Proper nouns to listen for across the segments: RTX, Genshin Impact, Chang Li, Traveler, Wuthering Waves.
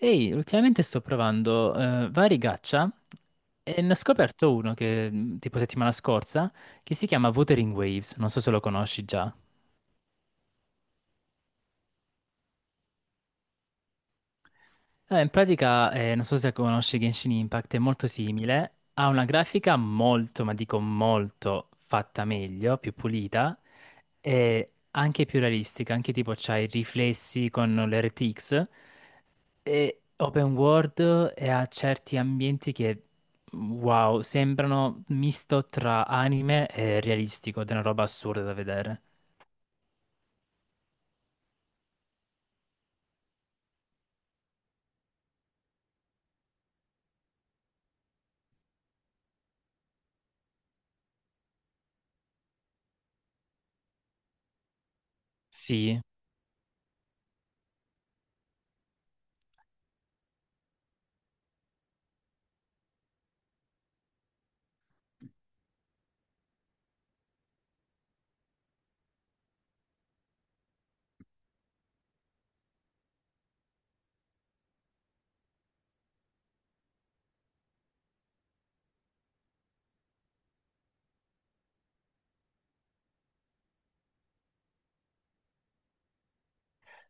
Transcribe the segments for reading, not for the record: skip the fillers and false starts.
Ehi, ultimamente sto provando vari gacha e ne ho scoperto uno che, tipo settimana scorsa, che si chiama Wuthering Waves, non so se lo conosci già. In pratica, non so se conosci Genshin Impact, è molto simile, ha una grafica molto, ma dico molto, fatta meglio, più pulita e anche più realistica, anche tipo c'ha i riflessi con le RTX, è open world e ha certi ambienti che, wow, sembrano misto tra anime e realistico, ed è una roba assurda da vedere. Sì,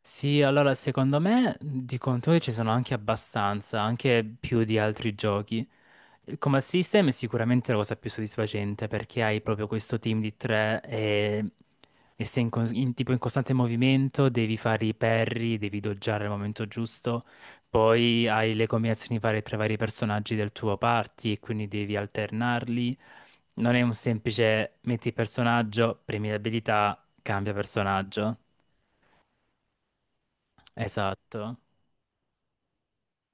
sì, allora secondo me di contenuti ci sono anche abbastanza, anche più di altri giochi. Come assistem è sicuramente la cosa più soddisfacente perché hai proprio questo team di tre e sei in, tipo in costante movimento, devi fare i parry, devi doggiare al momento giusto, poi hai le combinazioni varie tra i vari personaggi del tuo party e quindi devi alternarli. Non è un semplice metti personaggio, premi l'abilità, cambia personaggio. Esatto.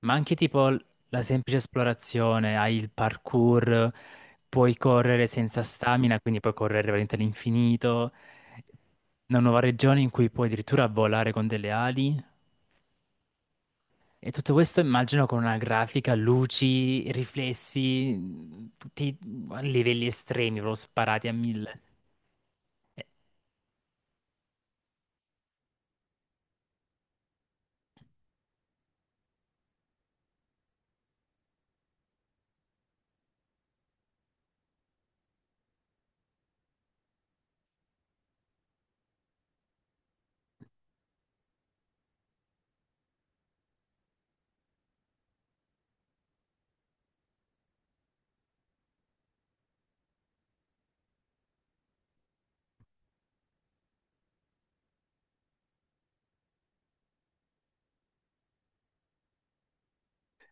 Ma anche tipo la semplice esplorazione, hai il parkour, puoi correre senza stamina, quindi puoi correre veramente all'infinito, una nuova regione in cui puoi addirittura volare con delle ali. E tutto questo immagino con una grafica, luci, riflessi, tutti a livelli estremi, proprio sparati a mille.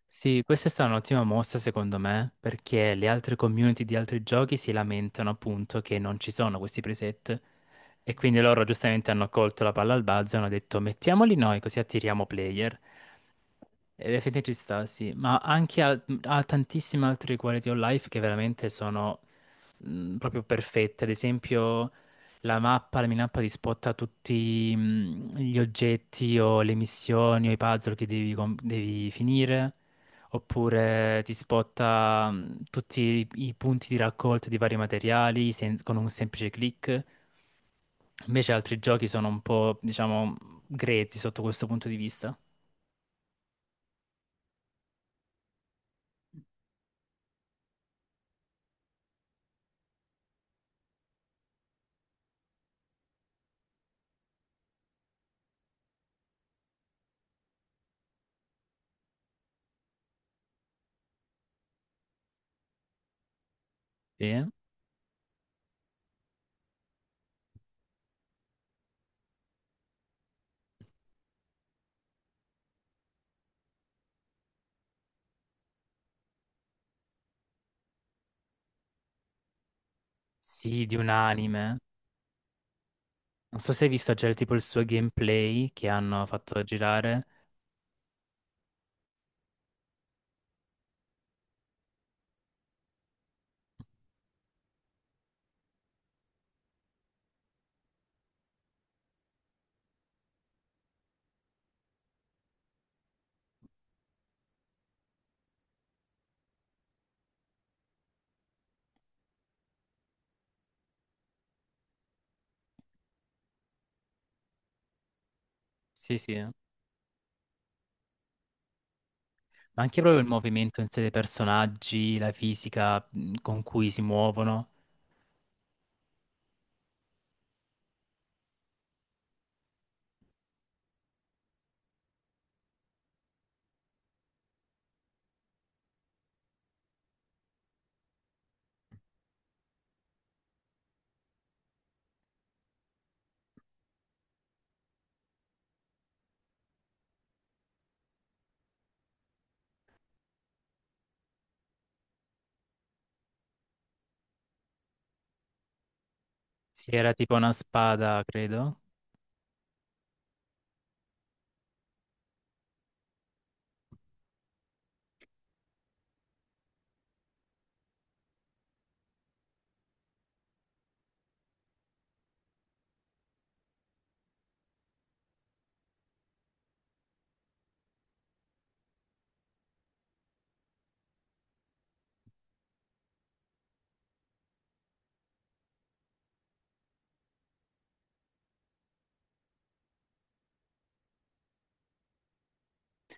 Sì, questa è stata un'ottima mossa secondo me, perché le altre community di altri giochi si lamentano appunto che non ci sono questi preset e quindi loro giustamente hanno colto la palla al balzo e hanno detto mettiamoli noi così attiriamo player. Ed effettivamente ci sta, sì, ma anche a, tantissime altre quality of life che veramente sono proprio perfette. Ad esempio, la mappa, la minappa ti spotta tutti, gli oggetti o le missioni o i puzzle che devi, devi finire, oppure ti spotta, tutti i, i punti di raccolta di vari materiali con un semplice click. Invece altri giochi sono un po', diciamo, grezzi sotto questo punto di vista. Sì. Sì, di un anime. Non so se hai visto già tipo il suo gameplay che hanno fatto girare. Sì, sì. Ma anche proprio il movimento in sé dei personaggi, la fisica, con cui si muovono. Sì, era tipo una spada, credo.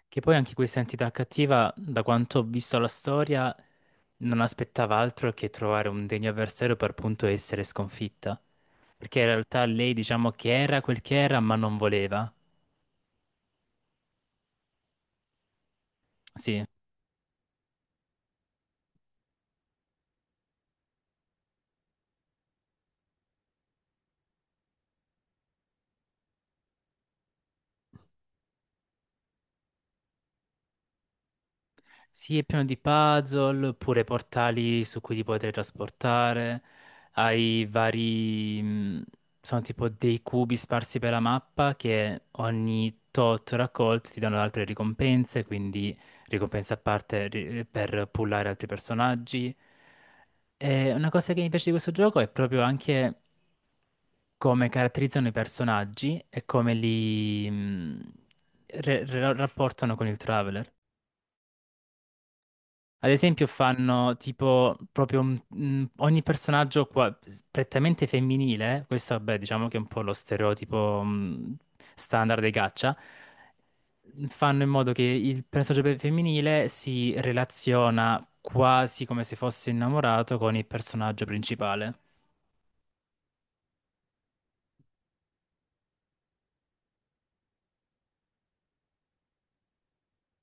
Che poi anche questa entità cattiva, da quanto ho visto la storia, non aspettava altro che trovare un degno avversario per appunto essere sconfitta. Perché in realtà lei, diciamo che era quel che era, ma non voleva. Sì. Sì, è pieno di puzzle, oppure portali su cui ti puoi trasportare. Hai vari... sono tipo dei cubi sparsi per la mappa che ogni tot raccolti ti danno altre ricompense, quindi ricompense a parte per pullare altri personaggi. E una cosa che mi piace di questo gioco è proprio anche come caratterizzano i personaggi e come li, rapportano con il Traveler. Ad esempio fanno tipo proprio ogni personaggio qua, prettamente femminile, questo vabbè diciamo che è un po' lo stereotipo, standard dei caccia, fanno in modo che il personaggio femminile si relaziona quasi come se fosse innamorato con il personaggio principale.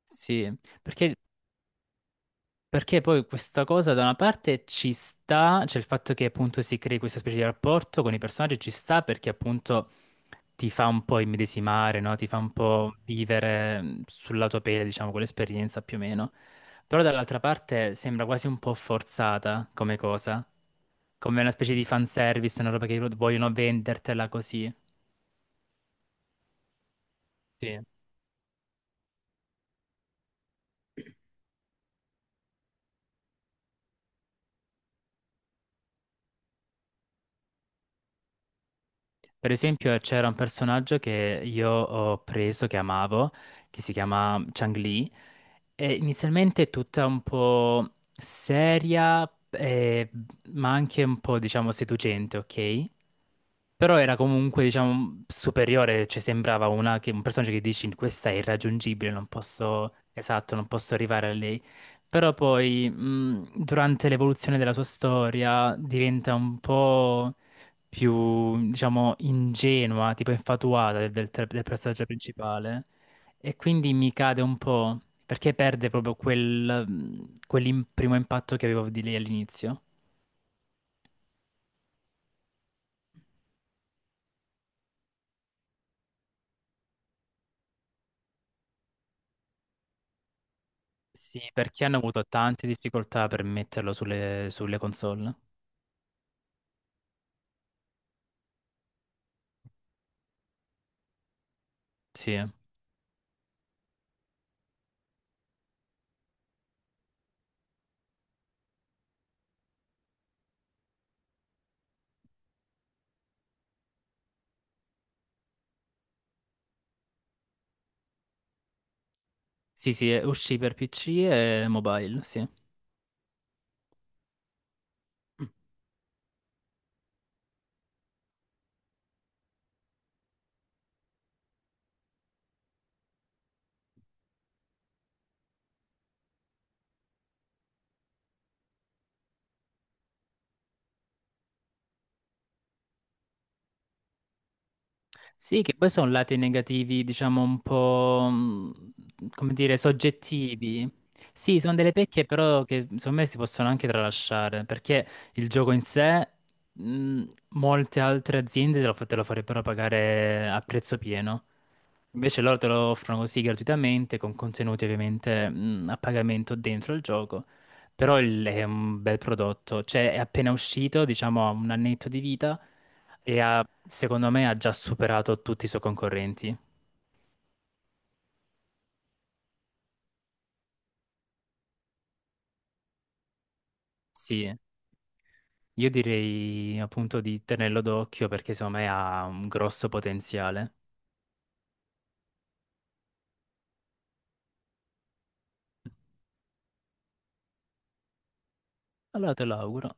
Sì, perché Perché poi questa cosa da una parte ci sta, cioè il fatto che appunto si crei questa specie di rapporto con i personaggi ci sta perché appunto ti fa un po' immedesimare, no? Ti fa un po' vivere, sulla tua pelle, diciamo, quell'esperienza più o meno. Però dall'altra parte sembra quasi un po' forzata come cosa, come una specie di fanservice, una roba che vogliono vendertela così. Sì. Per esempio c'era un personaggio che io ho preso, che amavo, che si chiama Chang Li. Inizialmente è tutta un po' seria, ma anche un po', diciamo, seducente, ok? Però era comunque, diciamo, superiore, cioè sembrava un personaggio che dici questa è irraggiungibile, non posso, esatto, non posso arrivare a lei. Però poi, durante l'evoluzione della sua storia, diventa un po' più, diciamo, ingenua, tipo infatuata del, del personaggio principale. E quindi mi cade un po' perché perde proprio quel, quel primo impatto che avevo di lei all'inizio. Sì, perché hanno avuto tante difficoltà per metterlo sulle, sulle console. Sì, sì, sì, uscì per PC e mobile, sì. Sì, che poi sono lati negativi, diciamo un po', come dire, soggettivi. Sì, sono delle pecche però che secondo me si possono anche tralasciare, perché il gioco in sé, molte altre aziende te lo, te lo farebbero pagare a prezzo pieno. Invece loro te lo offrono così gratuitamente, con contenuti ovviamente, a pagamento dentro il gioco. Però è un bel prodotto, cioè è appena uscito, diciamo ha un annetto di vita e ha, secondo me ha già superato tutti i suoi concorrenti. Sì, io direi appunto di tenerlo d'occhio perché secondo me ha un grosso potenziale. Allora te lo auguro.